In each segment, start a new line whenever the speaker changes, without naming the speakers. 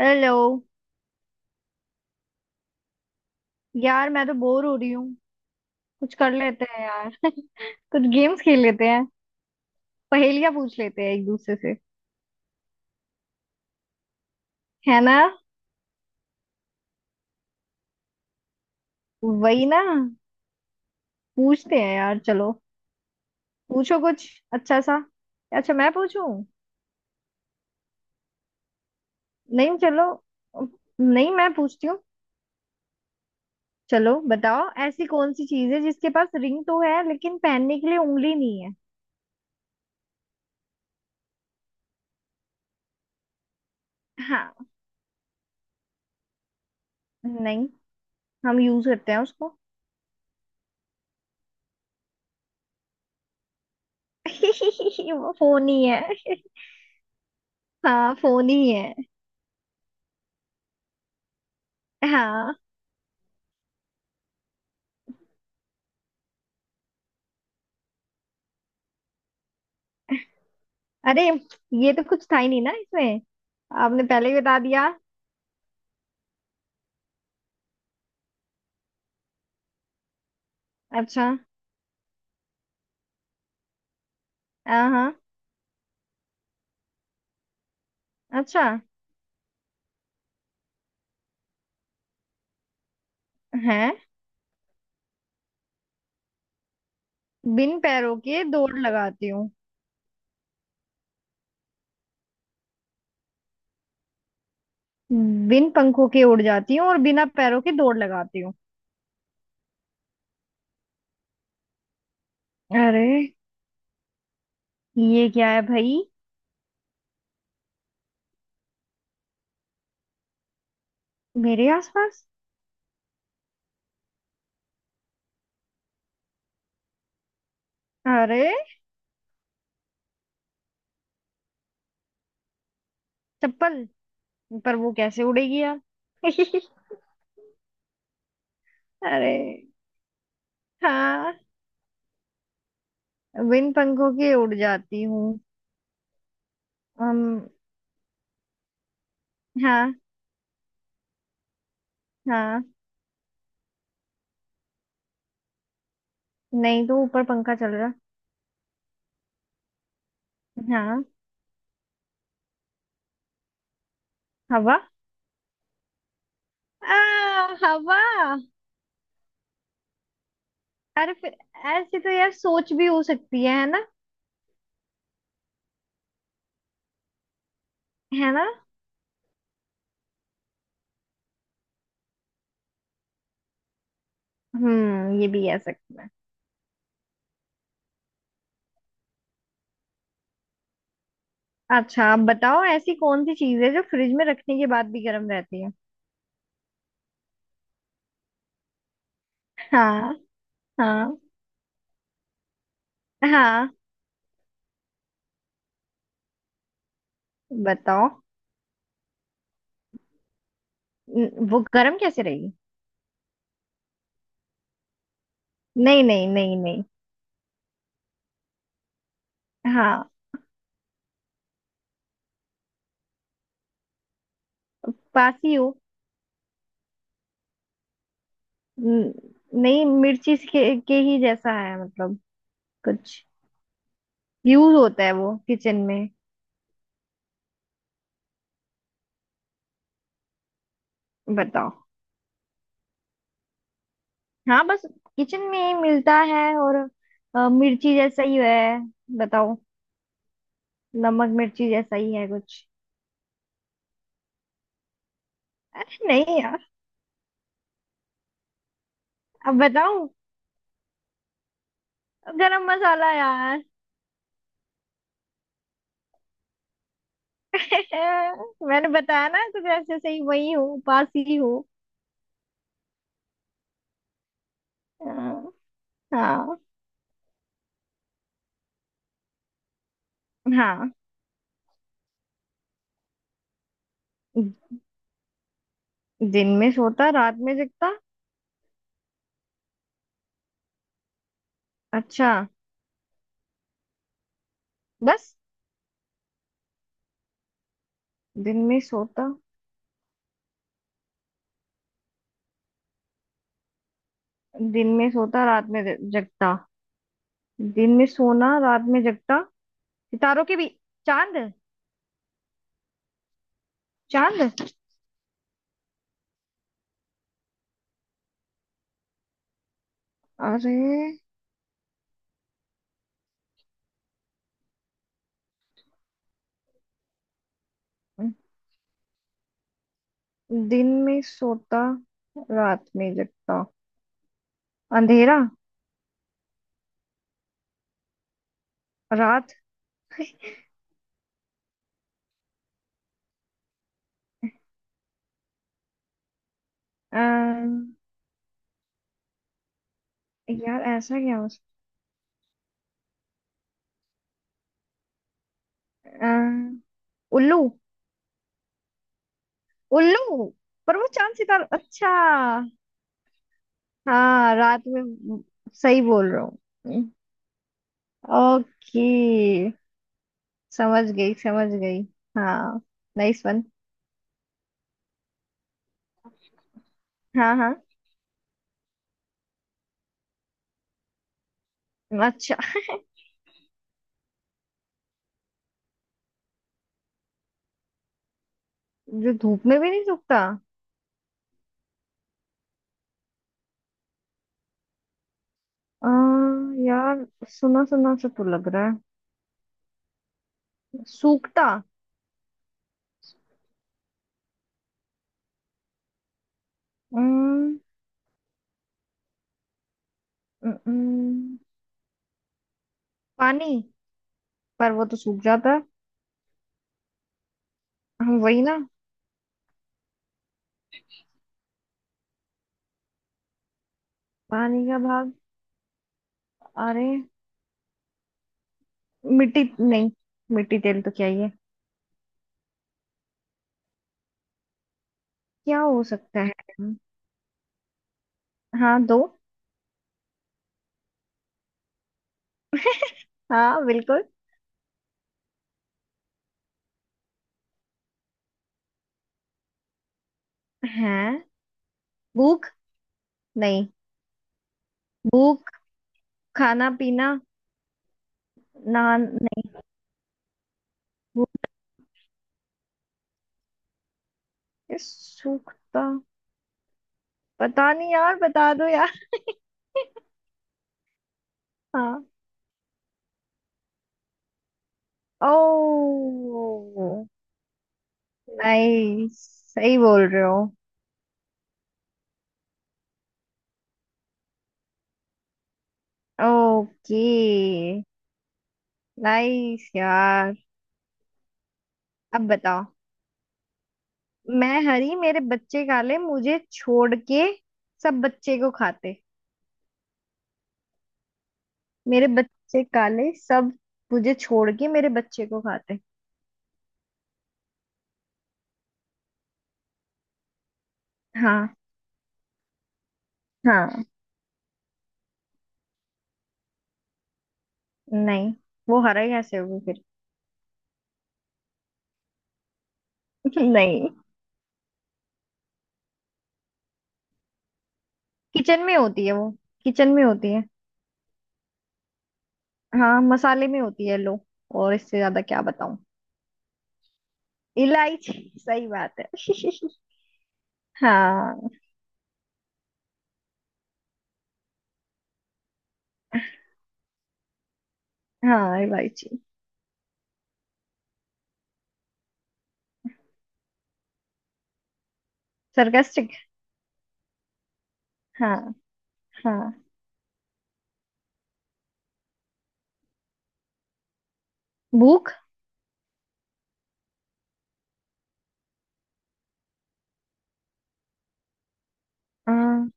Hello. यार मैं तो बोर हो रही हूँ। कुछ कर लेते हैं यार कुछ गेम्स खेल लेते हैं। पहेलियां पूछ लेते हैं एक दूसरे से। है ना। वही ना। पूछते हैं यार, चलो। पूछो कुछ अच्छा सा। अच्छा मैं पूछूं। नहीं चलो। नहीं मैं पूछती हूँ। चलो बताओ, ऐसी कौन सी चीज है जिसके पास रिंग तो है लेकिन पहनने के लिए उंगली नहीं है। हाँ। नहीं। हम यूज करते हैं उसको। वो फोन ही है। हाँ फोन ही है। हाँ। अरे, ये तो कुछ था ही नहीं ना इसमें। आपने पहले ही बता दिया। अच्छा। हाँ हाँ। अच्छा है। बिन पैरों के दौड़ लगाती हूँ। बिन पंखों के उड़ जाती हूँ और बिना पैरों के दौड़ लगाती हूँ। अरे, ये क्या है भाई। मेरे आसपास। अरे, चप्पल। पर वो कैसे उड़ेगी यार। अरे हाँ, बिन पंखों के उड़ जाती हूँ। हम। हाँ हाँ। नहीं तो, ऊपर पंखा चल रहा। हाँ, हवा। हवा। अरे फिर, ऐसी तो यार सोच भी हो सकती है ना। है ना। हम्म, ये भी कह सकते हैं। अच्छा आप बताओ, ऐसी कौन सी चीज है जो फ्रिज में रखने के बाद भी गर्म रहती है। हाँ हाँ हाँ। बताओ। वो गर्म कैसे रहेगी। नहीं नहीं नहीं नहीं। हाँ, पास ही हो। न- नहीं मिर्ची के, ही जैसा है मतलब। कुछ यूज होता है वो किचन में। बताओ। हाँ बस, किचन में ही मिलता है और मिर्ची जैसा ही है। बताओ। नमक मिर्ची जैसा ही है कुछ। नहीं यार। अब बताओ। गरम मसाला यार। मैंने बताया ना, कुछ ऐसे सही वही हो, पास ही हो। अ, हाँ। हाँ, दिन में सोता रात में जगता। अच्छा। बस। दिन में सोता। दिन में सोता रात में जगता। दिन में सोना रात में जगता। सितारों के भी। चांद। चांद। अरे, दिन में सोता रात में जगता। अंधेरा। रात। आ, यार ऐसा क्या हो सकता। अ, उल्लू। उल्लू पर वो चांद सितारा। अच्छा। हाँ रात में। सही बोल रहा हूँ। ओके। समझ गई समझ गई। हाँ। Nice one. हाँ। हाँ। अच्छा। जो धूप में भी नहीं सूखता। आ, यार सुना सुना सा तो लग रहा है। सूखता। अम्म, हम्म, पानी। पर वो तो सूख जाता है। हम वही ना। पानी का भाग। अरे, मिट्टी नहीं। मिट्टी तेल तो क्या ही है। क्या हो सकता है। हाँ दो। हाँ बिल्कुल। है। भूख। नहीं। भूख। खाना पीना। नहा नहीं। भूख। ये सूखता। पता नहीं यार, बता दो यार। हाँ। ओ। नाइस। सही बोल रहे हो। ओके। नाइस यार। अब बताओ। मैं हरी मेरे बच्चे काले, मुझे छोड़ के सब बच्चे को खाते। मेरे बच्चे काले सब, मुझे छोड़ के मेरे बच्चे को खाते। हाँ। हाँ। नहीं, वो हरा कैसे होगी फिर। नहीं। किचन में होती है वो। किचन में होती है। हाँ मसाले में होती है लो। और इससे ज्यादा क्या बताऊं। इलायची। सही बात है। हाँ। हाँ इलायची। सरकास्टिक। हाँ। हाँ। भूख। हाँ,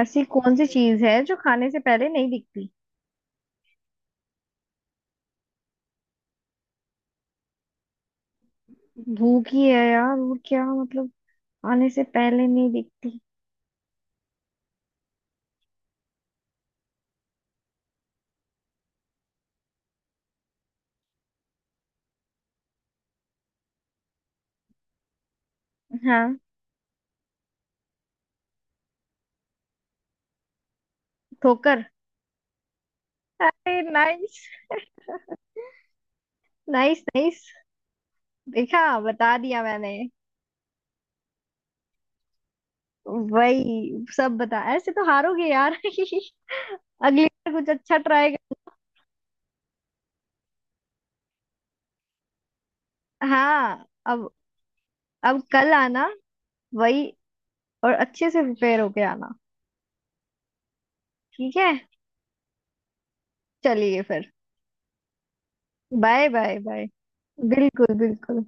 ऐसी कौन सी चीज है जो खाने से पहले नहीं दिखती। भूख ही है यार, वो क्या मतलब। आने से पहले नहीं दिखती। हाँ। ठोकर। Nice nice. नाइस। देखा, बता दिया मैंने। वही सब बता, ऐसे तो हारोगे यार। अगली बार कुछ अच्छा ट्राई कर। हाँ अब। अब कल आना। वही। और अच्छे से प्रिपेयर होके आना। ठीक है। चलिए फिर। Bye bye bye. बिल्कुल बिल्कुल।